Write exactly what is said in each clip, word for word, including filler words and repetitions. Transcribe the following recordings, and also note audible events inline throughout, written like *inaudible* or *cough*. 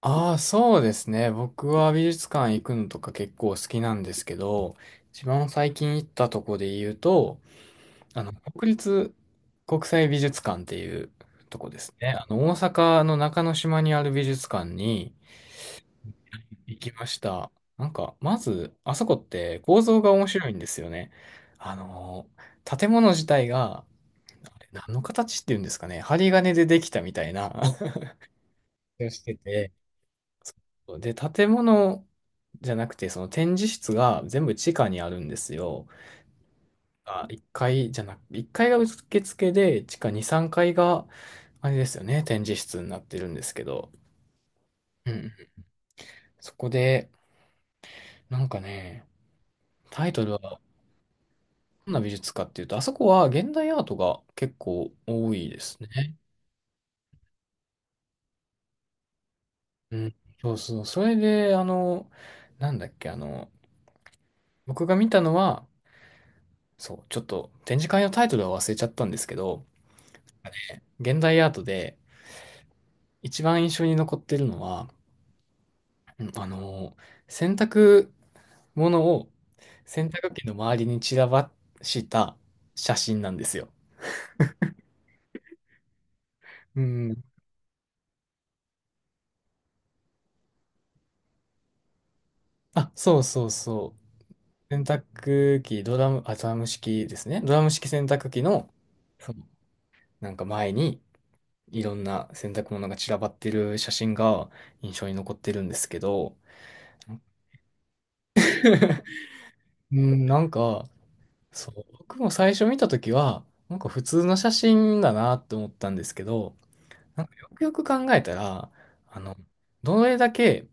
ああ、そうですね。僕は美術館行くのとか結構好きなんですけど、一番最近行ったとこで言うと、あの、国立国際美術館っていうとこですね。あの、大阪の中之島にある美術館に行きました。なんか、まず、あそこって構造が面白いんですよね。あの、建物自体が、あれ何の形っていうんですかね。針金でできたみたいな *laughs* をしてて、で、建物じゃなくて、その展示室が全部地下にあるんですよ。あ、いっかいじゃなく、いっかいが受付で、地下に、さんがいがいが、あれですよね、展示室になってるんですけど。うん。そこで、なんかね、タイトルは、どんな美術かっていうと、あそこは現代アートが結構多いですね。うん。そうそう。それで、あの、なんだっけ、あの、僕が見たのは、そう、ちょっと展示会のタイトルは忘れちゃったんですけど、現代アートで、一番印象に残ってるのは、うんあの、洗濯物を洗濯機の周りに散らばした写真なんですよ。うん。あ、そうそうそう。洗濯機、ドラム、あ、ドラム式ですね。ドラム式洗濯機の、そう、なんか前にいろんな洗濯物が散らばってる写真が印象に残ってるんですけど、うん、なんか、そう、僕も最初見たときは、なんか普通の写真だなって思ったんですけど、なんかよくよく考えたら、あの、どれだけ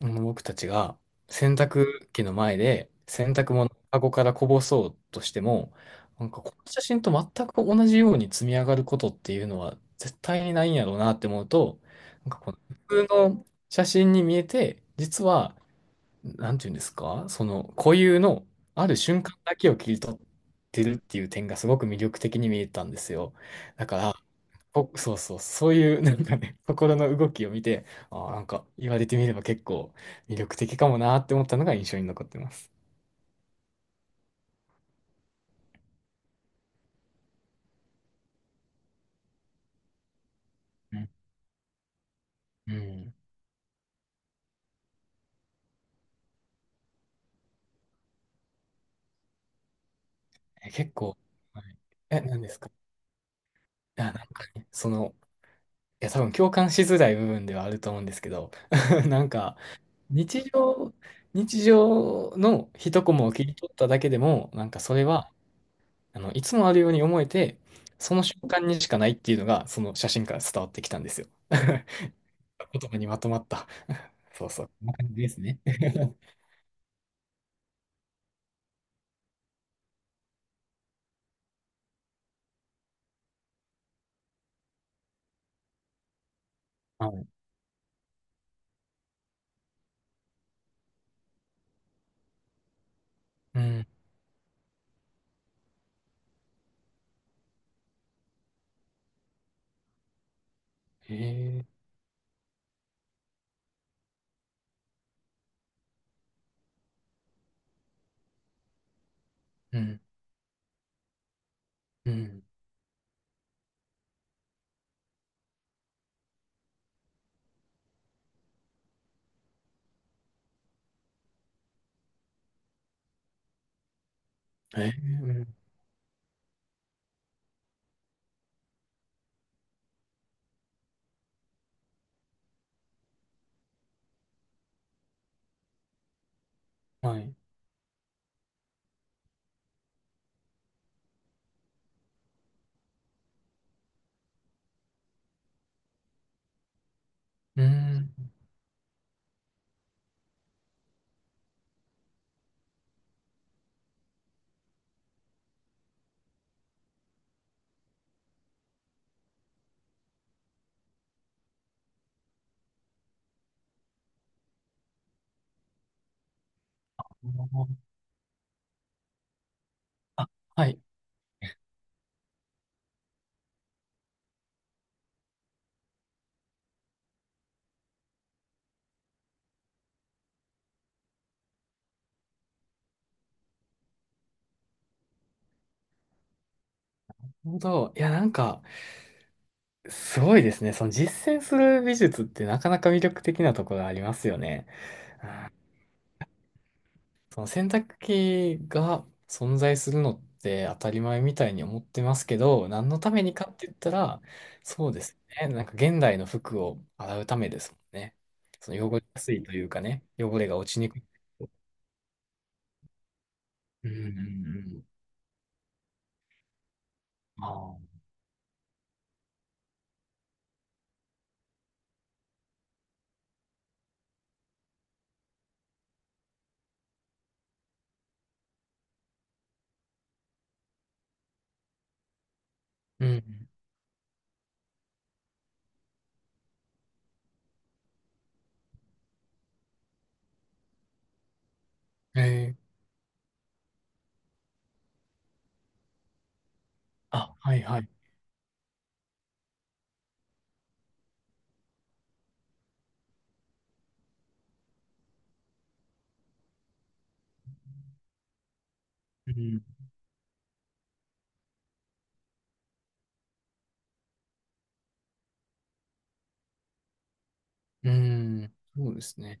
あの僕たちが洗濯機の前で洗濯物をカゴからこぼそうとしても、なんかこの写真と全く同じように積み上がることっていうのは絶対にないんやろうなって思うと、なんかこの普通の写真に見えて、実は、なんていうんですか、その固有のある瞬間だけを切り取ってるっていう点がすごく魅力的に見えたんですよ。だから、ぽそうそう、そういう *laughs* なんかね、心の動きを見て、ああ、なんか言われてみれば結構魅力的かもなって思ったのが印象に残ってます。うん。うんえ、結構、はい、え、何ですか？あ、なんかね、その、いや、多分共感しづらい部分ではあると思うんですけど、*laughs* なんか、日常、日常の一コマを切り取っただけでも、なんかそれは、あの、いつもあるように思えて、その瞬間にしかないっていうのが、その写真から伝わってきたんですよ。*laughs* 言葉にまとまった。そうそう。こんな感じですね。*laughs* はい。うん。へえ、うん、うん。へえ、うん。はい。うん。あ、はい。なるほど。いや、なんか、すごいですね。その実践する美術ってなかなか魅力的なところがありますよね。その洗濯機が存在するのって当たり前みたいに思ってますけど、何のためにかって言ったら、そうですね。なんか現代の服を洗うためですもんね。その汚れやすいというかね、汚れが落ちにくい。うんうんうん。ああ、うん。ええ、あ、はいはい。うん。うん。そうですね。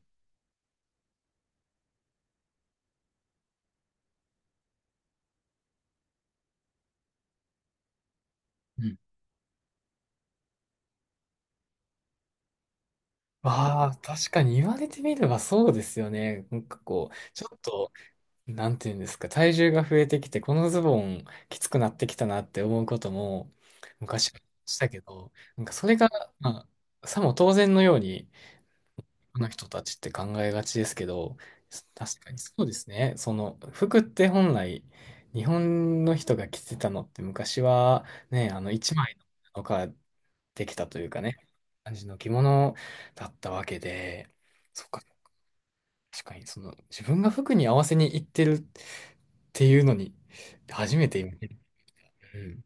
うん。ああ、確かに言われてみればそうですよね。なんかこう、ちょっと、なんていうんですか、体重が増えてきて、このズボンきつくなってきたなって思うことも昔はしたけど、なんかそれが、まあ、さも当然のように、の人たちって考えがちですけど、そ確かにそうですね。その服って本来日本の人が着てたのって昔はね、あの一枚の布かできたというかね、感じの着物だったわけで、そっか、確かにその自分が服に合わせに行ってるっていうのに初めて今、うん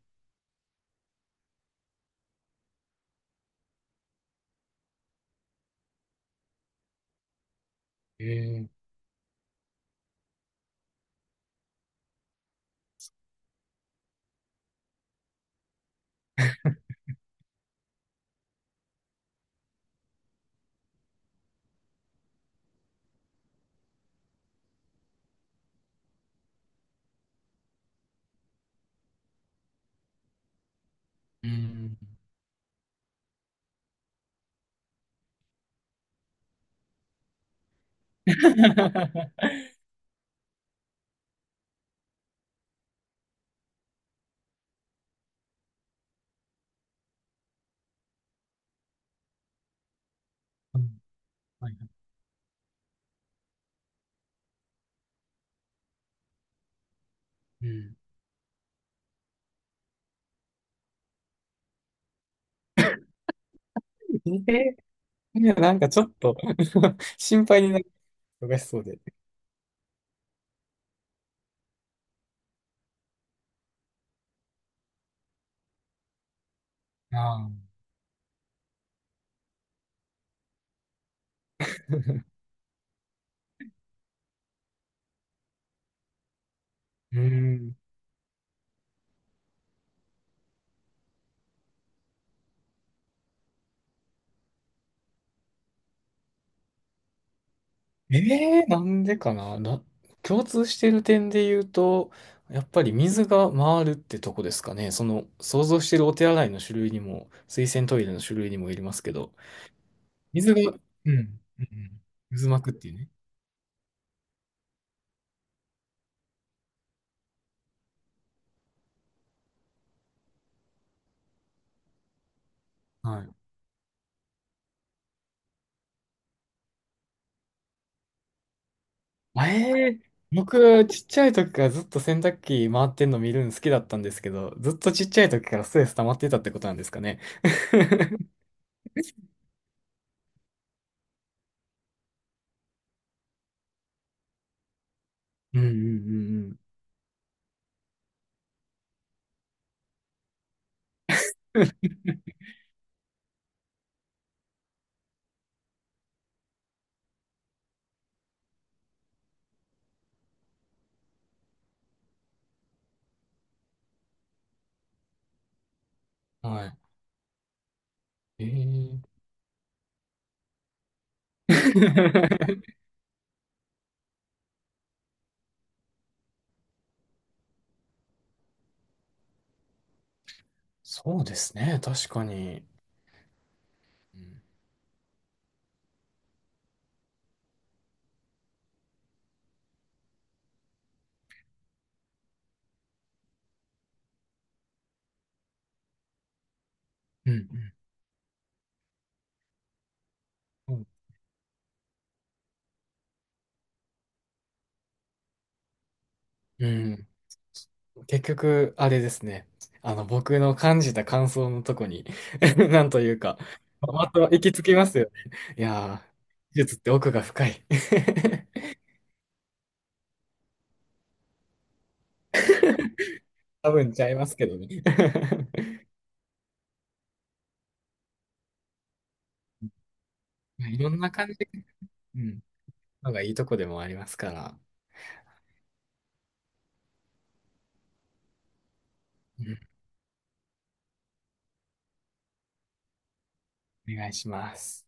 えーうん *laughs* うんはいはいうんえーいや、なんかちょっと *laughs* 心配になる人がしそうで。ああ。うーん。ええ、なんでかな、な、共通してる点で言うと、やっぱり水が回るってとこですかね。その、想像してるお手洗いの種類にも、水洗トイレの種類にもよりますけど、水が、うん、うんうん渦巻くっていうね。はい。あ、ええ、僕、ちっちゃい時からずっと洗濯機回ってんの見るの好きだったんですけど、ずっとちっちゃい時からストレス溜まってたってことなんですかね？うんうんうんうん。*laughs* はい。ええ *laughs* そうですね。確かに。うん、うん。うんうん結局、あれですね。あの、僕の感じた感想のとこに *laughs* なんというか、また行き着きますよね。いやー、技術って奥が深い。 *laughs* 多分ちゃいますけどね。*laughs* まあいろんな感じ、うん、のがいいとこでもありますから、うん、お願いします。